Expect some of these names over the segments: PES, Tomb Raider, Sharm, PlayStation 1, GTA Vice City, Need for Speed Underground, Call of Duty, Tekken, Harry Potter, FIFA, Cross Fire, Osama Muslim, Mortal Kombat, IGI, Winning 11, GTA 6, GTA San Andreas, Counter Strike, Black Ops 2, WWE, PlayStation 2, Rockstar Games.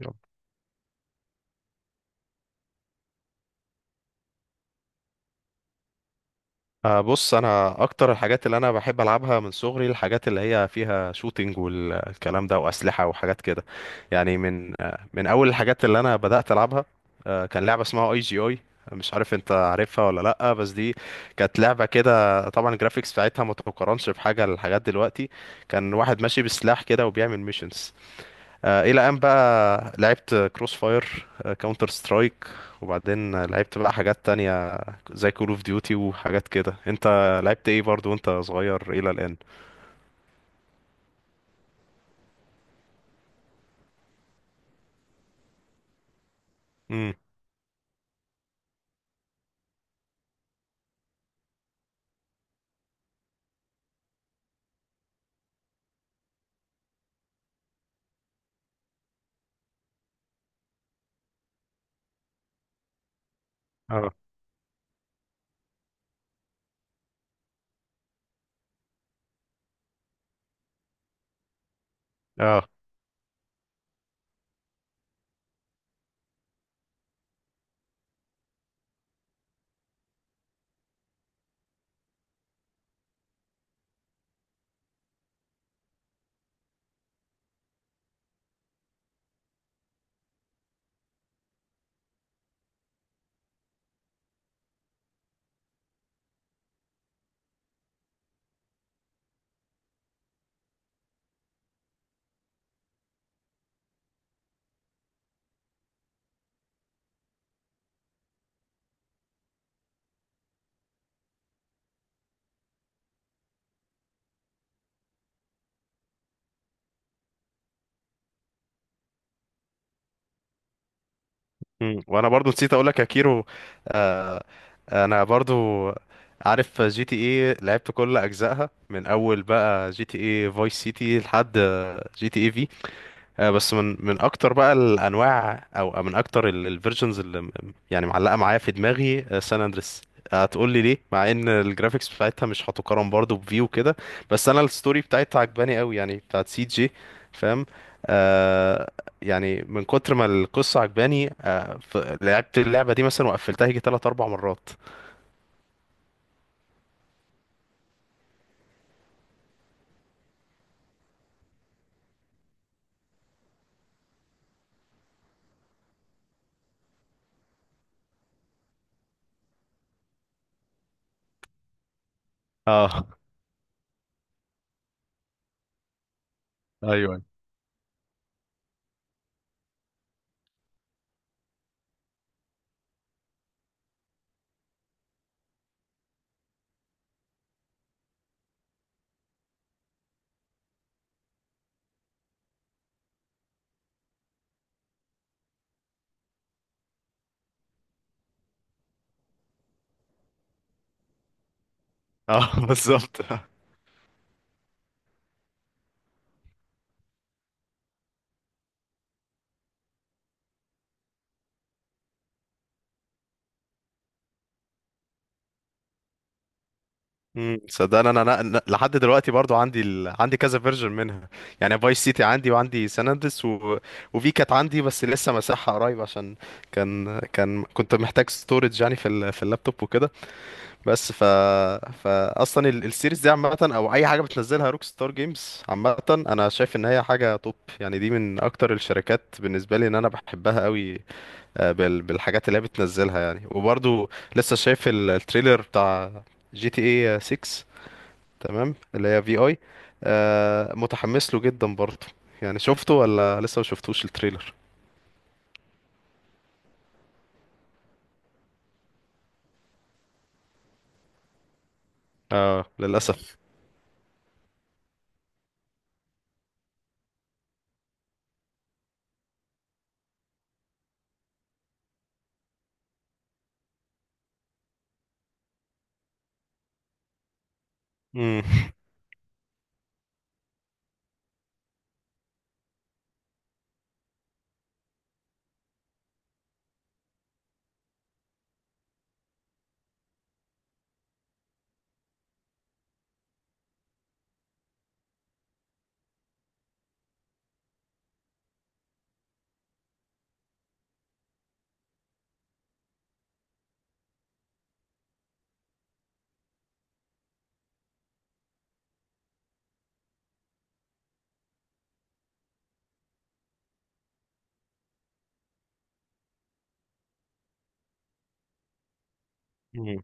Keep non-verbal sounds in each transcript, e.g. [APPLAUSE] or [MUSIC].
يلا. بص انا اكتر الحاجات اللي انا بحب العبها من صغري، الحاجات اللي هي فيها شوتينج والكلام ده واسلحه وحاجات كده. يعني من من اول الحاجات اللي انا بدات العبها، كان لعبه اسمها اي جي اي. مش عارف انت عارفها ولا لا، بس دي كانت لعبه كده. طبعا الجرافيكس بتاعتها ما تقارنش بحاجه لحاجات دلوقتي. كان واحد ماشي بسلاح كده وبيعمل ميشنز. الى ان بقى لعبت كروس فاير، كاونتر سترايك. وبعدين لعبت بقى حاجات تانية زي كول اوف ديوتي وحاجات كده. انت لعبت ايه برضو وانت صغير الى الان؟ امم. اه. اه. امم. وانا برضو نسيت اقول لك يا كيرو. آه، انا برضو عارف جي تي ايه، لعبت كل اجزائها من اول بقى جي تي ايه فويس سيتي لحد جي تي ايه. بس من اكتر بقى الانواع، او من اكتر الفيرجنز يعني معلقه معايا في دماغي سان اندريس. هتقول لي ليه؟ مع ان الجرافيكس بتاعتها مش هتقارن برضو بفي وكده، بس انا الستوري بتاعتها عجباني قوي يعني، بتاعت سي جي. فاهم؟ آه يعني من كتر ما القصه عجباني، لعبت اللعبه دي مثلا وقفلتها يجي 3 4 مرات. اه. ايوه. اه. [LAUGHS] بالظبط. امم. صدقني أنا لحد دلوقتي برضو عندي، عندي كذا فيرجن منها. يعني فايس سيتي عندي، وعندي سان اندريس، وفي كانت عندي بس لسه مساحة قريب، عشان كان كنت محتاج ستورج يعني في، في اللابتوب وكده. بس فاصلا، السيريز دي عامة، او اي حاجة بتنزلها روك ستار جيمز عامة، انا شايف ان هي حاجة توب. يعني دي من اكتر الشركات بالنسبة لي ان انا بحبها قوي، آه، بالحاجات اللي هي بتنزلها يعني. وبرضو لسه شايف التريلر بتاع جي تي اي 6. تمام اللي هي في اي، آه، متحمس له جدا برضه. يعني شفته ولا لسه ما شفتوش التريلر؟ اه، للاسف. امم. امم.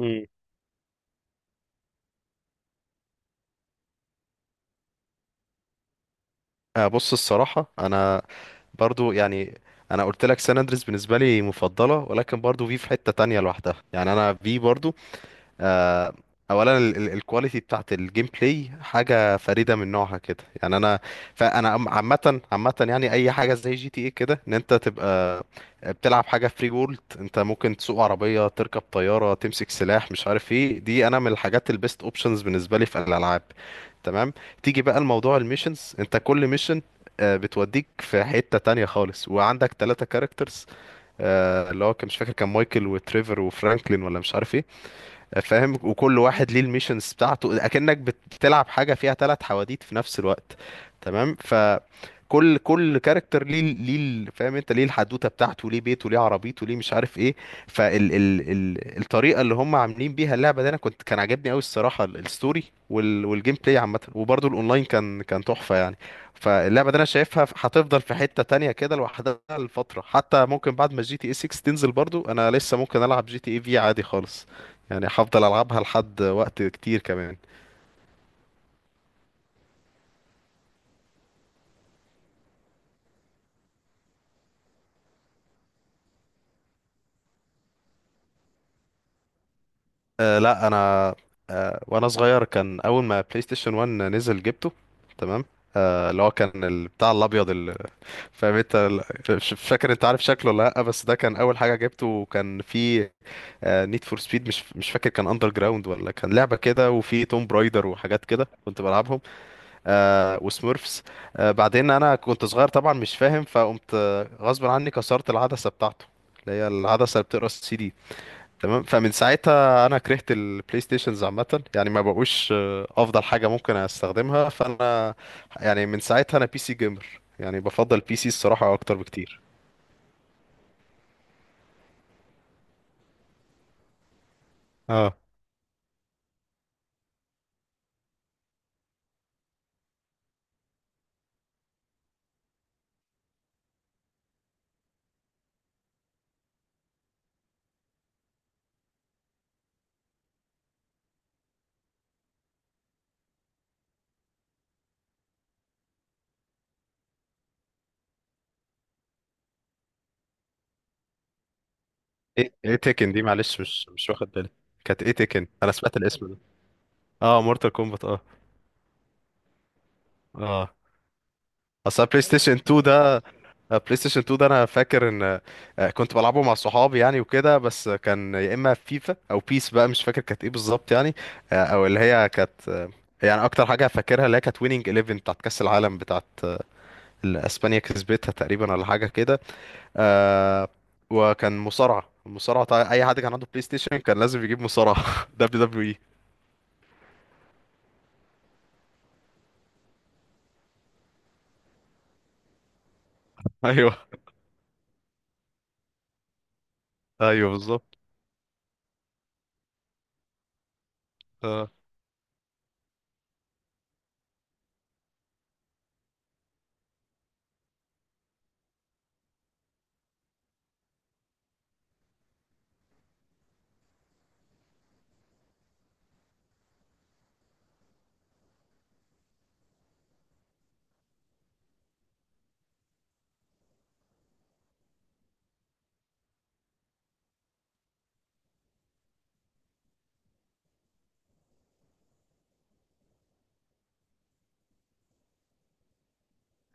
امم. آه، بص الصراحه انا برضو يعني، انا قلت لك سان اندريس بالنسبه لي مفضله، ولكن برضو في في حته تانية لوحدها. يعني انا في برضو، آه، اولا الكواليتي بتاعت الجيم بلاي حاجه فريده من نوعها كده. يعني انا، فانا عامه عامه، يعني اي حاجه زي جي تي ايه كده، ان انت تبقى بتلعب حاجه فري وورلد. انت ممكن تسوق عربيه، تركب طياره، تمسك سلاح، مش عارف ايه. دي انا من الحاجات البيست اوبشنز بالنسبه لي في الالعاب. تمام. تيجي بقى الموضوع الميشنز، انت كل ميشن بتوديك في حتة تانية خالص. وعندك ثلاثة كاركترز، اللي هو كان مش فاكر، كان مايكل وتريفر وفرانكلين، ولا مش عارف ايه. فاهم؟ وكل واحد ليه الميشنز بتاعته، اكنك بتلعب حاجه فيها ثلاث حواديت في نفس الوقت. تمام. فكل كاركتر ليه، فاهم انت، ليه الحدوته بتاعته، ليه بيته، ليه عربيته، ليه مش عارف ايه. فال ال ال الطريقه اللي هم عاملين بيها اللعبه دي، انا كان عاجبني قوي الصراحه، الستوري والجيم بلاي عامه، وبرده الاونلاين كان تحفه يعني. فاللعبه دي انا شايفها هتفضل في حته تانية كده لوحدها لفتره، حتى ممكن بعد ما جي تي اي 6 تنزل برضو انا لسه ممكن العب جي تي اي في عادي خالص. يعني هفضل العبها لحد وقت كتير كمان. أه لا، انا، أه، وانا صغير كان اول ما بلاي ستيشن 1 نزل جبته. تمام. أه اللي هو كان، بتاع الابيض، فاهم انت، مش فاكر انت عارف شكله ولا لا، بس ده كان اول حاجه جبته. وكان فيه نيد فور سبيد، مش فاكر كان اندر جراوند ولا كان لعبه كده، وفي توم برايدر وحاجات كده كنت بلعبهم. أه، وسمورفس. أه بعدين انا كنت صغير طبعا مش فاهم، فقمت غصب عني كسرت العدسه بتاعته، اللي هي العدسه اللي بتقرا السي دي. تمام. فمن ساعتها انا كرهت البلاي ستيشنز عامه، يعني ما بقوش افضل حاجه ممكن استخدمها. فانا يعني من ساعتها انا بي سي جيمر، يعني بفضل بي سي الصراحه اكتر بكتير. اه. ايه ايه تيكن دي؟ معلش مش واخد بالي. كانت ايه تيكن؟ انا سمعت الاسم ده. اه، مورتال كومبات. اه. اه. اصل بلاي ستيشن 2 ده، بلاي ستيشن 2 ده انا فاكر ان، كنت بلعبه مع صحابي يعني وكده. بس كان يا اما فيفا او بيس بقى، مش فاكر كانت ايه بالظبط يعني. او اللي هي كانت، يعني اكتر حاجه فاكرها اللي هي كانت ويننج 11 بتاعت كاس العالم، بتاعت اللي اسبانيا كسبتها تقريبا ولا حاجه كده. آه، وكان مصارعه. المصارعه طبعا اي حد كان عنده بلاي ستيشن كان لازم يجيب مصارعه [LAUGHS] دبليو دبليو اي. ايوه. ايوه بالظبط. اه.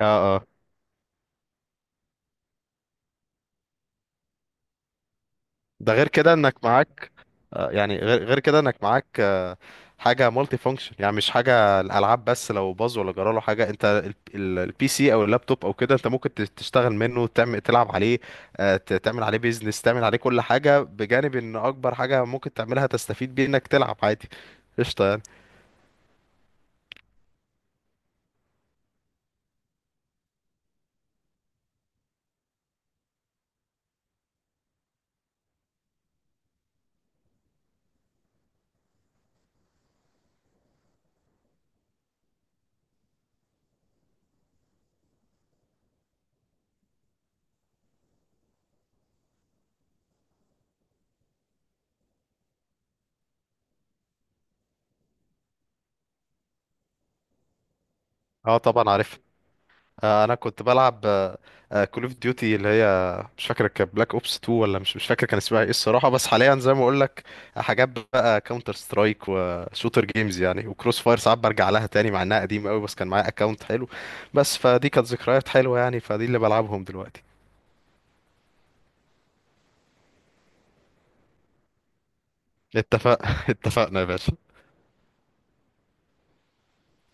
اه. آه. ده غير كده انك معاك، يعني غير كده انك معاك، حاجه مالتي فانكشن. يعني مش حاجه الالعاب بس، لو باظ ولا جرى له حاجه انت، البي سي او اللابتوب او كده، انت ممكن تشتغل منه، تعمل تلعب عليه، تعمل عليه بيزنس، تعمل عليه كل حاجه، بجانب ان اكبر حاجه ممكن تعملها تستفيد بيه انك تلعب عادي. قشطه يعني. اه طبعا عارف. انا كنت بلعب كول اوف ديوتي اللي هي، مش فاكر كانت بلاك اوبس 2 ولا مش فاكر كان اسمها ايه الصراحه. بس حاليا زي ما اقول لك، حاجات بقى كاونتر سترايك وشوتر جيمز يعني، وكروس فاير ساعات برجع لها تاني مع انها قديمه قوي، بس كان معايا اكونت حلو. بس فدي كانت ذكريات حلوه، يعني فدي اللي بلعبهم دلوقتي. اتفق [LAUGHS] اتفقنا يا باشا.